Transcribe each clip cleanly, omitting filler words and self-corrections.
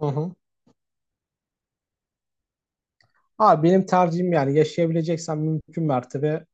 Hı hı. Abi benim tercihim yani yaşayabileceksem mümkün mertebe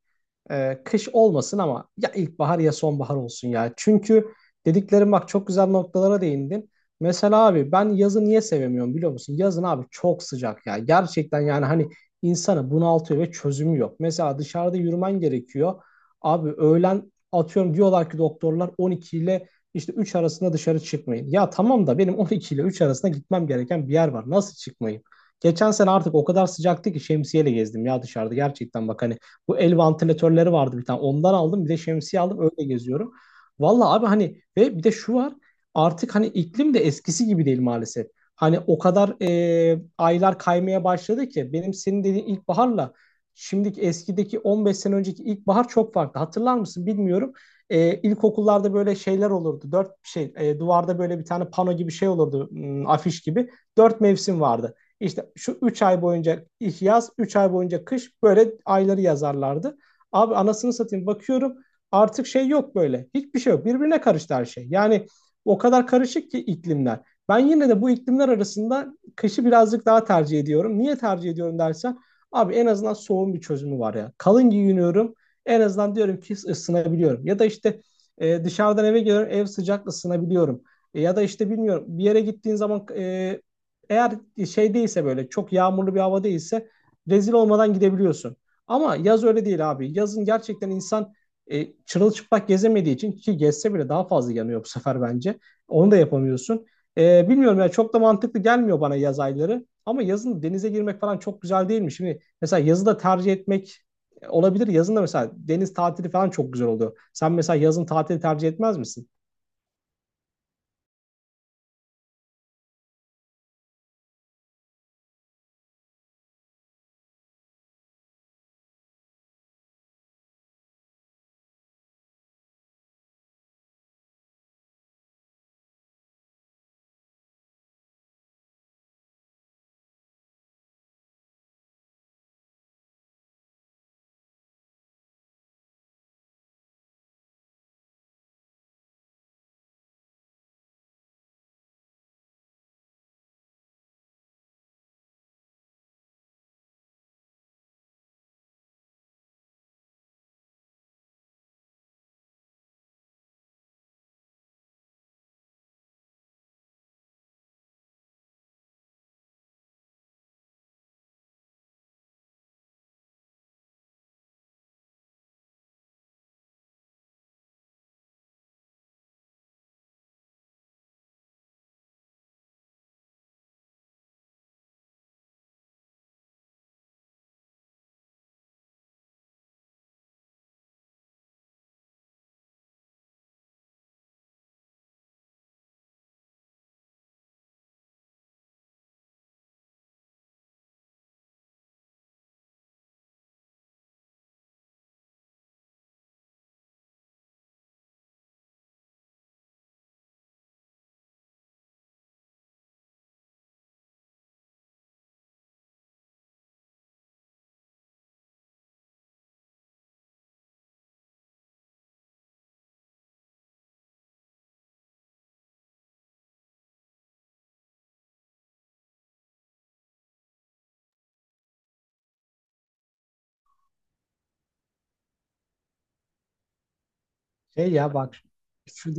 Kış olmasın ama ya ilkbahar ya sonbahar olsun ya. Çünkü dediklerim bak, çok güzel noktalara değindin. Mesela abi, ben yazı niye sevemiyorum biliyor musun? Yazın abi çok sıcak ya. Gerçekten yani hani insanı bunaltıyor ve çözümü yok. Mesela dışarıda yürümen gerekiyor. Abi öğlen atıyorum, diyorlar ki doktorlar 12 ile işte 3 arasında dışarı çıkmayın. Ya tamam da benim 12 ile 3 arasında gitmem gereken bir yer var. Nasıl çıkmayayım? Geçen sene artık o kadar sıcaktı ki şemsiyeyle gezdim ya dışarıda, gerçekten bak hani bu el vantilatörleri vardı bir tane. Ondan aldım. Bir de şemsiye aldım. Öyle geziyorum. Vallahi abi hani, ve bir de şu var. Artık hani iklim de eskisi gibi değil maalesef. Hani o kadar aylar kaymaya başladı ki benim senin dediğin ilkbaharla şimdiki, eskideki 15 sene önceki ilkbahar çok farklı. Hatırlar mısın bilmiyorum. İlkokullarda böyle şeyler olurdu. Dört şey, duvarda böyle bir tane pano gibi şey olurdu. Afiş gibi. Dört mevsim vardı. İşte şu 3 ay boyunca yaz, 3 ay boyunca kış, böyle ayları yazarlardı. Abi anasını satayım, bakıyorum artık şey yok böyle. Hiçbir şey yok. Birbirine karıştı her şey. Yani o kadar karışık ki iklimler. Ben yine de bu iklimler arasında kışı birazcık daha tercih ediyorum. Niye tercih ediyorum dersen, abi en azından soğun bir çözümü var ya. Kalın giyiniyorum. En azından diyorum ki ısınabiliyorum. Ya da işte dışarıdan eve geliyorum, ev sıcak, ısınabiliyorum. Ya da işte bilmiyorum, bir yere gittiğin zaman eğer şey değilse, böyle çok yağmurlu bir hava değilse, rezil olmadan gidebiliyorsun. Ama yaz öyle değil abi. Yazın gerçekten insan çırılçıplak gezemediği için, ki gezse bile daha fazla yanıyor bu sefer bence. Onu da yapamıyorsun. Bilmiyorum ya, çok da mantıklı gelmiyor bana yaz ayları. Ama yazın denize girmek falan çok güzel değil mi? Şimdi mesela yazı da tercih etmek olabilir. Yazın da mesela deniz tatili falan çok güzel oluyor. Sen mesela yazın tatili tercih etmez misin? Şey ya bak, şu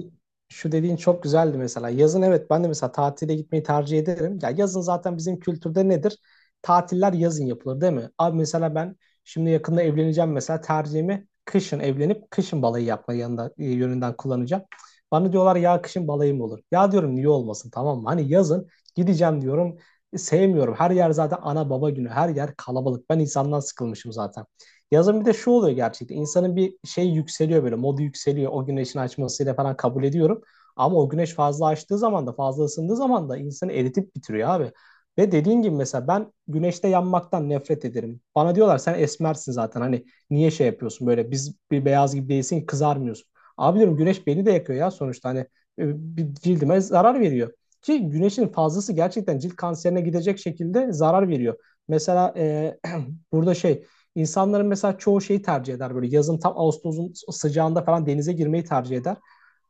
şu dediğin çok güzeldi mesela. Yazın evet, ben de mesela tatile gitmeyi tercih ederim. Ya yazın zaten bizim kültürde nedir? Tatiller yazın yapılır değil mi? Abi mesela ben şimdi yakında evleneceğim, mesela tercihimi kışın evlenip kışın balayı yapma yanında, yönünden kullanacağım. Bana diyorlar ya, kışın balayı mı olur? Ya diyorum niye olmasın, tamam mı? Hani yazın gideceğim diyorum. Sevmiyorum. Her yer zaten ana baba günü. Her yer kalabalık. Ben insandan sıkılmışım zaten. Yazın bir de şu oluyor gerçekten. İnsanın bir şey yükseliyor böyle. Modu yükseliyor. O güneşin açmasıyla falan kabul ediyorum. Ama o güneş fazla açtığı zaman da, fazla ısındığı zaman da insanı eritip bitiriyor abi. Ve dediğin gibi mesela ben güneşte yanmaktan nefret ederim. Bana diyorlar sen esmersin zaten, hani niye şey yapıyorsun, böyle biz bir beyaz gibi değilsin, kızarmıyorsun. Abi diyorum güneş beni de yakıyor ya sonuçta, hani bir cildime zarar veriyor. Ki güneşin fazlası gerçekten cilt kanserine gidecek şekilde zarar veriyor. Mesela burada şey, İnsanların mesela çoğu şeyi tercih eder, böyle yazın tam Ağustos'un sıcağında falan denize girmeyi tercih eder.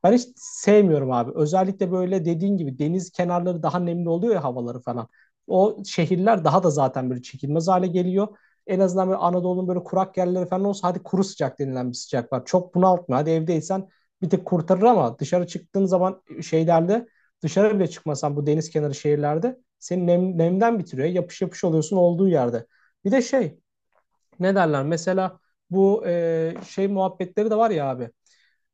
Ben hiç sevmiyorum abi. Özellikle böyle dediğin gibi deniz kenarları daha nemli oluyor ya, havaları falan. O şehirler daha da zaten böyle çekilmez hale geliyor. En azından böyle Anadolu'nun böyle kurak yerleri falan olsa, hadi kuru sıcak denilen bir sıcak var. Çok bunaltmıyor. Hadi evdeysen bir tık kurtarır, ama dışarı çıktığın zaman şeylerde, dışarı bile çıkmasan bu deniz kenarı şehirlerde seni nem, nemden bitiriyor. Yapış yapış oluyorsun olduğu yerde. Bir de şey, ne derler? Mesela bu şey muhabbetleri de var ya abi.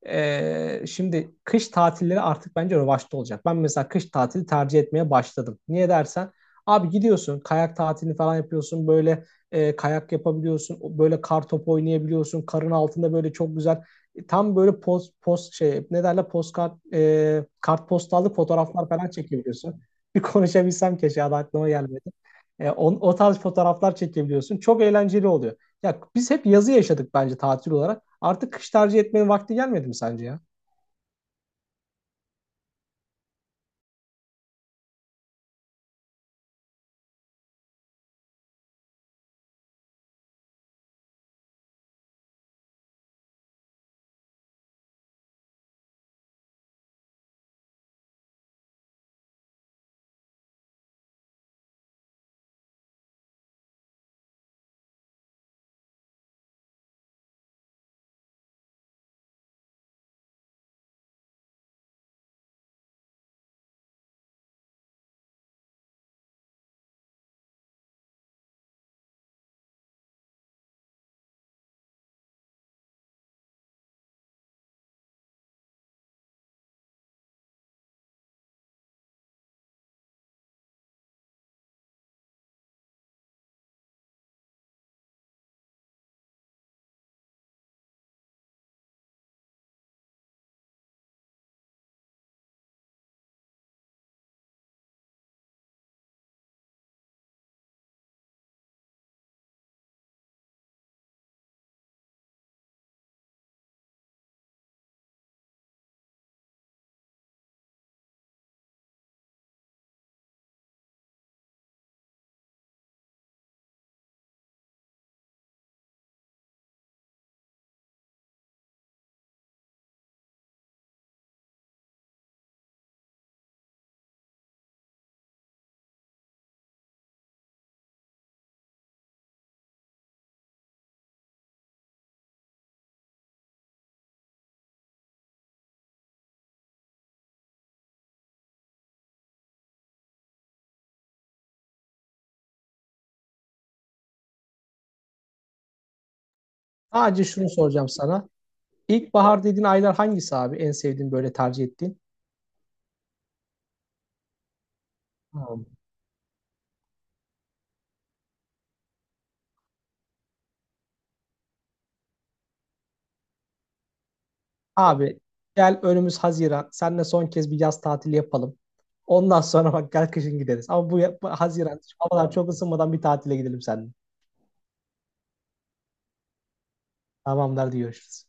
Şimdi kış tatilleri artık bence revaçta olacak. Ben mesela kış tatili tercih etmeye başladım. Niye dersen, abi gidiyorsun kayak tatilini falan yapıyorsun böyle, kayak yapabiliyorsun, böyle kar topu oynayabiliyorsun karın altında, böyle çok güzel, tam böyle post post şey ne derler, kartpostallık fotoğraflar falan çekebiliyorsun. Bir konuşabilsem, keşke adı aklıma gelmedi. O tarz fotoğraflar çekebiliyorsun. Çok eğlenceli oluyor. Ya biz hep yazı yaşadık bence tatil olarak. Artık kış tercih etmenin vakti gelmedi mi sence ya? Sadece şunu soracağım sana. İlkbahar dediğin aylar hangisi abi? En sevdiğin, böyle tercih ettiğin? Hmm. Abi gel, önümüz Haziran. Seninle son kez bir yaz tatili yapalım. Ondan sonra bak, gel kışın gideriz. Ama bu Haziran havalar çok ısınmadan bir tatile gidelim seninle. Tamamdır, hadi görüşürüz.